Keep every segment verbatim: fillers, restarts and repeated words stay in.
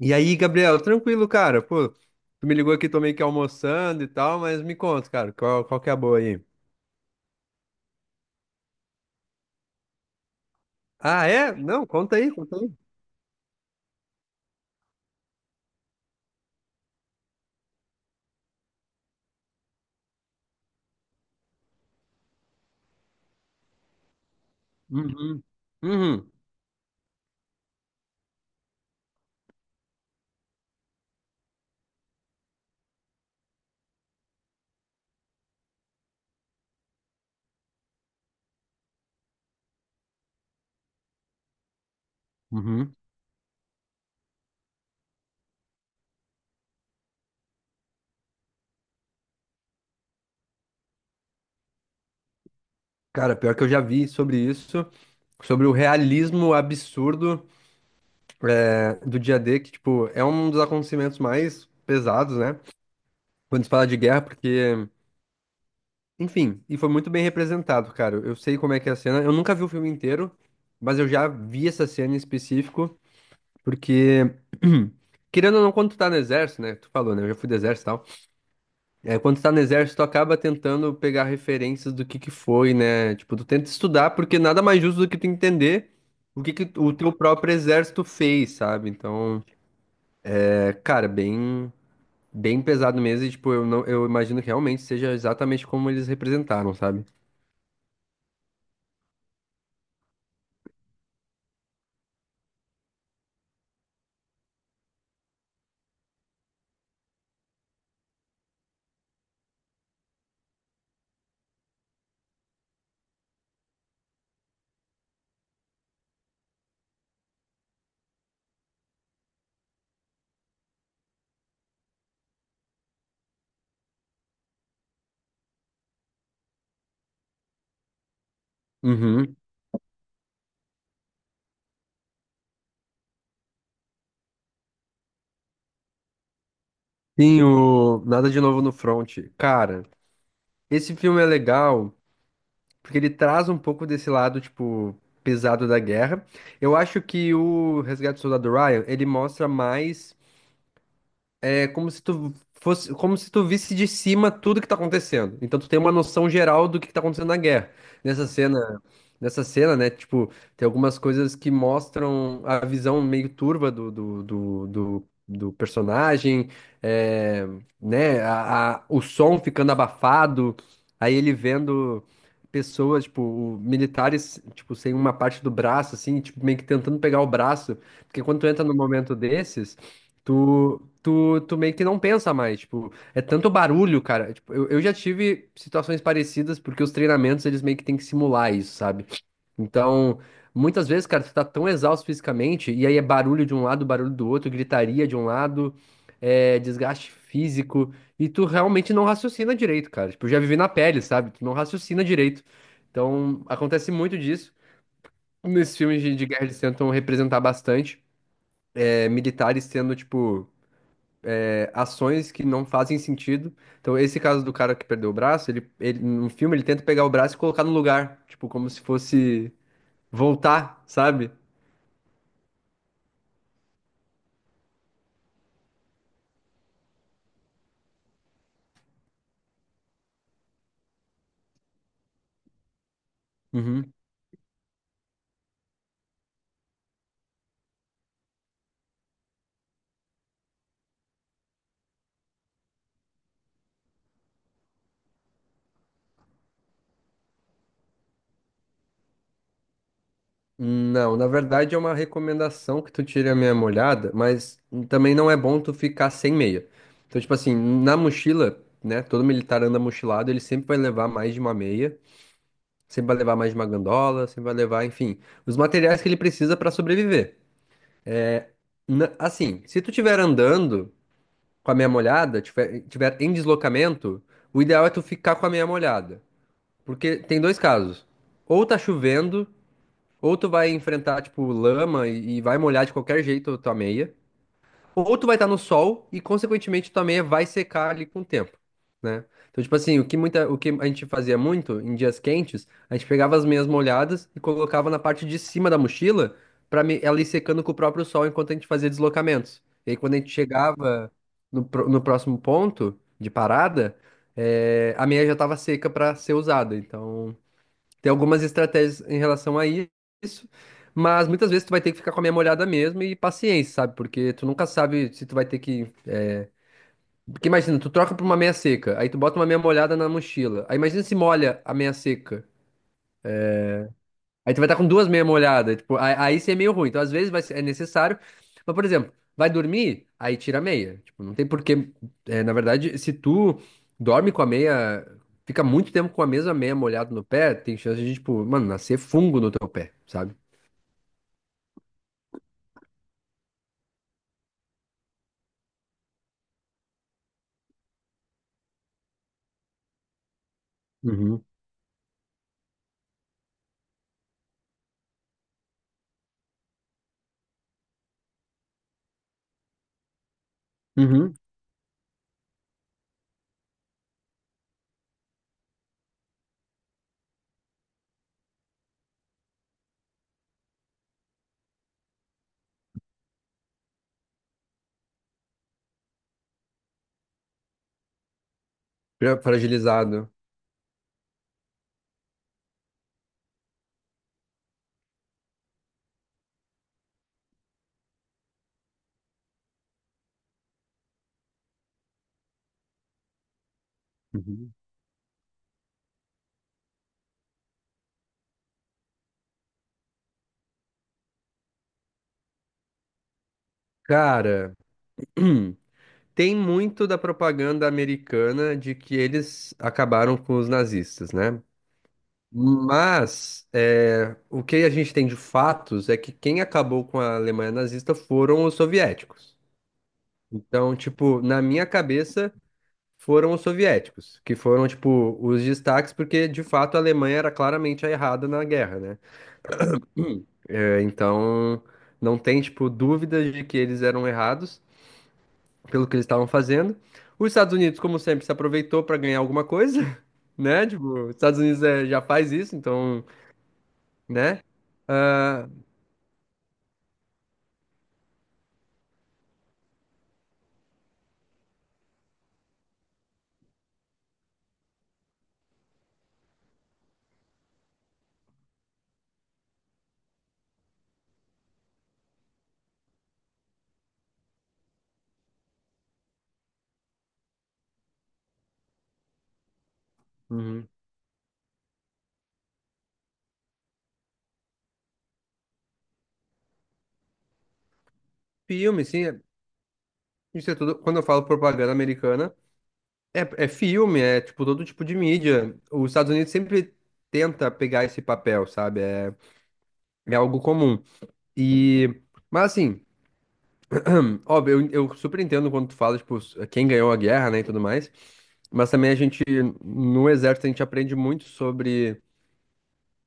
E aí, Gabriel, tranquilo, cara? Pô, tu me ligou aqui, tô meio que almoçando e tal, mas me conta, cara, qual, qual que é a boa aí? Ah, é? Não, conta aí, conta aí. Uhum. Uhum. Uhum. Cara, pior que eu já vi sobre isso, sobre o realismo absurdo é, do dia D, que, tipo, é um dos acontecimentos mais pesados, né? Quando se fala de guerra, porque, enfim, e foi muito bem representado, cara. Eu sei como é que é a cena, eu nunca vi o filme inteiro, mas eu já vi essa cena em específico. Porque, querendo ou não, quando tu tá no exército, né? Tu falou, né? Eu já fui do exército e tal. É, quando tu tá no exército, tu acaba tentando pegar referências do que que foi, né? Tipo, tu tenta estudar, porque nada mais justo do que tu entender o que que o teu próprio exército fez, sabe? Então, é, cara, bem, bem pesado mesmo. E, tipo, eu não, eu imagino que realmente seja exatamente como eles representaram, sabe? Uhum. Sim, o Nada de Novo no Front. Cara, esse filme é legal. Porque ele traz um pouco desse lado, tipo, pesado da guerra. Eu acho que o Resgate do Soldado Ryan, ele mostra mais é como se tu fosse, como se tu visse de cima tudo que tá acontecendo. Então tu tem uma noção geral do que tá acontecendo na guerra. Nessa cena, nessa cena, né, tipo, tem algumas coisas que mostram a visão meio turva do, do, do, do, do personagem, é, né, a, a- o som ficando abafado, aí ele vendo pessoas, tipo, o- militares, tipo, sem uma parte do braço, assim, tipo, meio que tentando pegar o braço, porque quando tu entra num momento desses, Tu, tu, tu meio que não pensa mais, tipo, é tanto barulho, cara. Tipo, eu, eu já tive situações parecidas, porque os treinamentos eles meio que têm que simular isso, sabe? Então, muitas vezes, cara, tu tá tão exausto fisicamente, e aí é barulho de um lado, barulho do outro, gritaria de um lado, é, desgaste físico, e tu realmente não raciocina direito, cara. Tipo, eu já vivi na pele, sabe? Tu não raciocina direito. Então, acontece muito disso. Nesses filmes de, de guerra eles tentam representar bastante, é, militares tendo, tipo ações que não fazem sentido. Então, esse caso do cara que perdeu o braço, ele, ele no filme ele tenta pegar o braço e colocar no lugar, tipo, como se fosse voltar, sabe? Uhum. Não, na verdade é uma recomendação que tu tire a meia molhada, mas também não é bom tu ficar sem meia. Então, tipo assim, na mochila, né, todo militar anda mochilado, ele sempre vai levar mais de uma meia, sempre vai levar mais de uma gandola, sempre vai levar, enfim, os materiais que ele precisa pra sobreviver. Na- Assim, se tu estiver andando com a meia molhada, tiver, tiver em deslocamento, o ideal é tu ficar com a meia molhada. Porque tem dois casos. Ou tá chovendo, ou tu vai enfrentar, tipo, lama e, e vai molhar de qualquer jeito a tua meia ou tu vai estar no sol e, consequentemente, tua meia vai secar ali com o tempo, né? Então, tipo assim, o que muita, o que a gente fazia muito em dias quentes, a gente pegava as meias molhadas e colocava na parte de cima da mochila para ela ir secando com o próprio sol enquanto a gente fazia deslocamentos. E aí, quando a gente chegava no, pro- no próximo ponto de parada, eh, a meia já estava seca para ser usada. Então. Tem algumas estratégias em relação a isso, mas muitas vezes tu vai ter que ficar com a meia molhada mesmo e paciência, sabe? Porque tu nunca sabe se tu vai ter que. Porque imagina, tu troca por uma meia seca, aí tu bota uma meia molhada na mochila. Aí imagina se molha a meia seca. Aí tu vai estar com duas meia molhadas. Tipo, a- aí isso é meio ruim. Então, às vezes vai ser- é necessário. Mas, por exemplo, vai dormir, aí tira a meia. Tipo, não tem porquê. É, na verdade, se tu dorme com a meia, fica muito tempo com a mesma meia molhada no pé, tem chance de, tipo, mano, nascer fungo no teu pé, sabe? Uhum. Uhum. Fra- Fragilizado. Uhum. Cara, tem muito da propaganda americana de que eles acabaram com os nazistas, né? Mas é, o que a gente tem de fatos é que quem acabou com a Alemanha nazista foram os soviéticos. Então, tipo, na minha cabeça foram os soviéticos, que foram, tipo, os destaques, porque de fato a Alemanha era claramente a errada na guerra, né? É, então, não tem, tipo, dúvidas de que eles eram errados pelo que eles estavam fazendo. Os Estados Unidos, como sempre, se aproveitou para ganhar alguma coisa, né? Tipo, os Estados Unidos é, já faz isso, então, né? Ah, uhum. Filme, sim, é- isso é tudo. Quando eu falo propaganda americana, é, é filme, é, tipo, todo tipo de mídia. Os Estados Unidos sempre tenta pegar esse papel, sabe? É, é algo comum. E, mas assim. Óbvio, eu, eu super entendo quando tu fala, tipo, quem ganhou a guerra, né, e tudo mais. Mas também a gente, no exército, a gente aprende muito sobre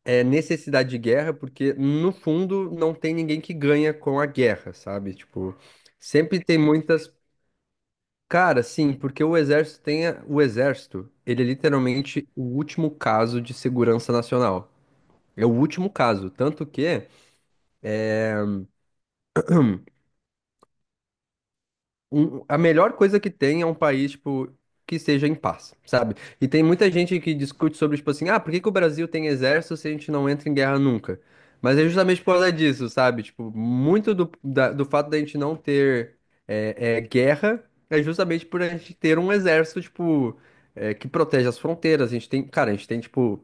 é, necessidade de guerra, porque no fundo não tem ninguém que ganha com a guerra, sabe? Tipo, sempre tem muitas. Cara, sim, porque o exército tem. a- O exército, ele é literalmente o último caso de segurança nacional. É o último caso. Tanto que. um- a melhor coisa que tem é um país, tipo, que seja em paz, sabe? E tem muita gente que discute sobre, tipo assim, ah, por que que o Brasil tem exército se a gente não entra em guerra nunca? Mas é justamente por causa disso, sabe? Tipo, muito do, da- do fato da gente não ter é, é, guerra é justamente por a gente ter um exército, tipo, é, que protege as fronteiras. A gente tem, cara, a gente tem, tipo,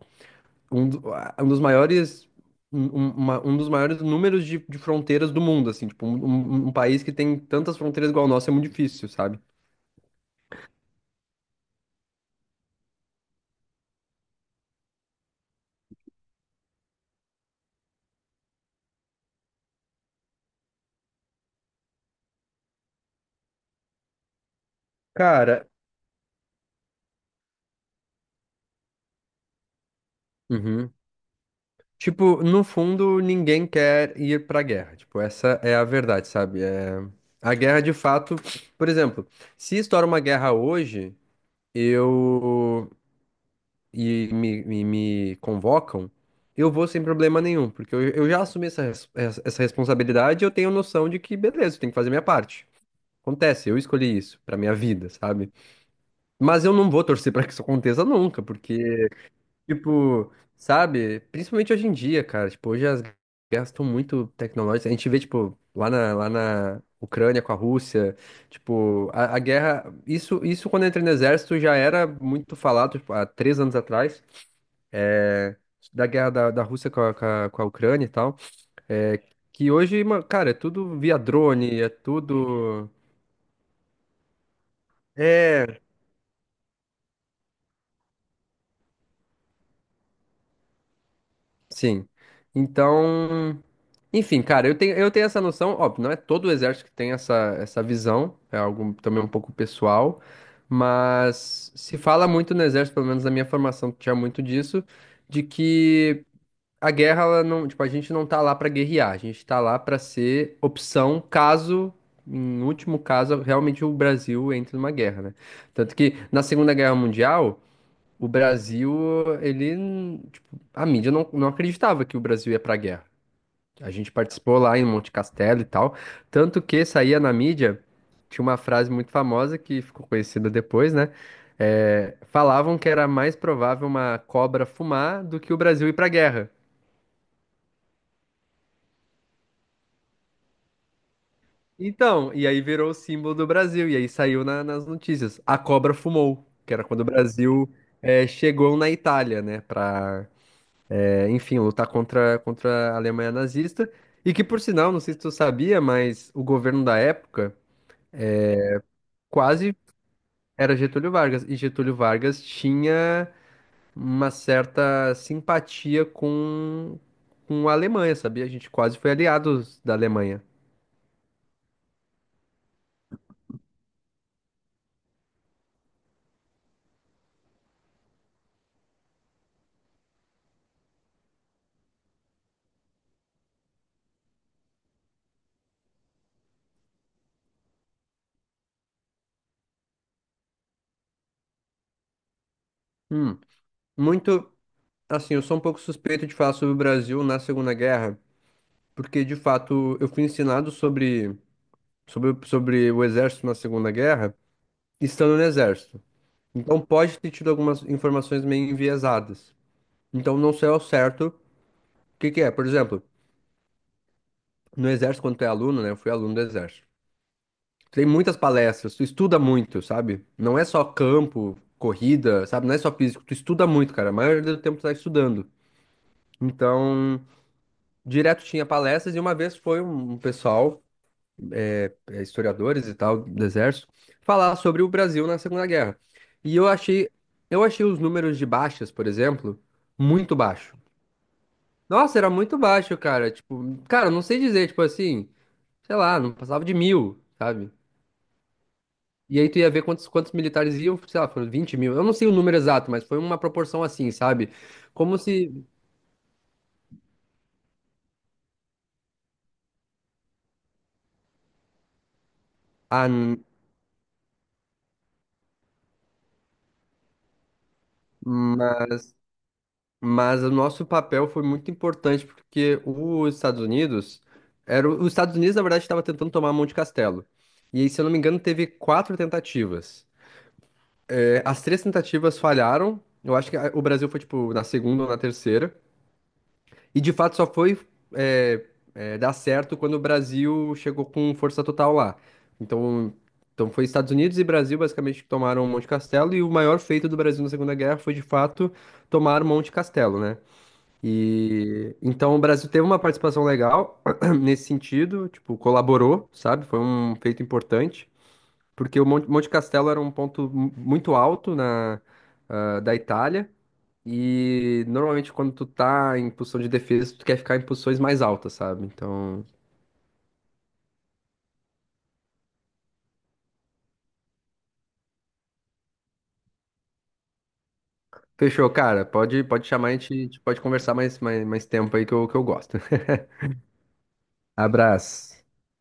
um, do- a- um dos maiores um, um- uma- um dos maiores números de, de fronteiras do mundo, assim, tipo, um, um- um país que tem tantas fronteiras igual o nosso é muito difícil, sabe? Cara, uhum. Tipo, no fundo, ninguém quer ir pra guerra, tipo, essa é a verdade, sabe? É. A guerra, de fato, por exemplo, se estoura uma guerra hoje, eu e me, me, me convocam, eu vou sem problema nenhum, porque eu, eu já assumi essa, res- essa essa responsabilidade e eu tenho noção de que, beleza, eu tenho que fazer minha parte. Acontece, eu escolhi isso pra minha vida, sabe? Mas eu não vou torcer pra que isso aconteça nunca, porque, tipo, sabe? Principalmente hoje em dia, cara, tipo, hoje as guerras estão muito tecnológicas. A gente vê, tipo, lá na, lá na Ucrânia com a Rússia, tipo, a, a guerra, isso, isso quando eu entrei no exército já era muito falado, tipo, há três anos atrás da guerra da, da Rússia com a, com a, com a Ucrânia e tal, é, que hoje, ma- cara, é tudo via drone, é tudo. É, sim. Então, enfim, cara, eu tenho, eu tenho essa noção, óbvio, não é todo o exército que tem essa, essa visão, é algo também um pouco pessoal, mas se fala muito no exército, pelo menos na minha formação tinha muito disso, de que. A guerra, ela não, tipo, a gente não tá lá pra guerrear, a gente tá lá pra ser opção caso, em último caso, realmente o Brasil entre numa guerra, né? Tanto que na Segunda Guerra Mundial, o Brasil, ele, tipo, a mídia não, não acreditava que o Brasil ia pra guerra. A gente participou lá em Monte Castelo e tal, tanto que saía na mídia, tinha uma frase muito famosa que ficou conhecida depois, né? É, falavam que era mais provável uma cobra fumar do que o Brasil ir pra guerra. Então, e aí virou o símbolo do Brasil, e aí saiu na- nas notícias. A cobra fumou, que era quando o Brasil eh, chegou na Itália, né, pra, eh, enfim, lutar contra, contra a Alemanha nazista. E que, por sinal, não sei se tu sabia, mas o governo da época quase era Getúlio Vargas, e Getúlio Vargas tinha uma certa simpatia com, com a Alemanha, sabia? A gente quase foi aliados da Alemanha. Hum, muito. Assim, eu sou um pouco suspeito de falar sobre o Brasil na Segunda Guerra, porque de fato eu fui ensinado sobre, sobre, sobre o exército na Segunda Guerra, estando no exército. Então pode ter tido algumas informações meio enviesadas. Então não sei ao certo o que que é. Por exemplo, no exército, quando tu é aluno, né? Eu fui aluno do exército. Tem muitas palestras, tu estuda muito, sabe? Não é só campo, corrida, sabe? Não é só físico, tu estuda muito, cara. A maioria do tempo tu tá estudando. Então, direto tinha palestras e uma vez foi um pessoal. eh, historiadores e tal do exército falar sobre o Brasil na Segunda Guerra. E eu achei, eu achei os números de baixas, por exemplo, muito baixo. Nossa, era muito baixo, cara. Tipo, cara, não sei dizer, tipo assim, sei lá, não passava de mil, sabe? E aí tu ia ver quantos, quantos militares iam, sei lá, foram vinte mil. Eu não sei o número exato, mas foi uma proporção assim, sabe? Como se. Ah, n- mas. Mas o nosso papel foi muito importante porque os Estados Unidos era o- os Estados Unidos na verdade estava tentando tomar Monte Castelo. E aí, se eu não me engano, teve quatro tentativas. É, as três tentativas falharam. Eu acho que a- o Brasil foi tipo na segunda ou na terceira. E de fato só foi é, é, dar certo quando o Brasil chegou com força total lá. Então, então foi Estados Unidos e Brasil basicamente que tomaram Monte Castelo. E o maior feito do Brasil na Segunda Guerra foi de fato tomar Monte Castelo, né? E então o Brasil teve uma participação legal nesse sentido, tipo, colaborou, sabe? Foi um feito importante, porque o Mon- Monte Castelo era um ponto mu- muito alto na ah, da Itália. E normalmente quando tu tá em posição de defesa, tu quer ficar em posições mais altas, sabe? Então, fechou, cara. Pode, pode chamar, a gente, a gente pode conversar mais, mais, mais tempo aí que eu, que eu gosto. Abraço.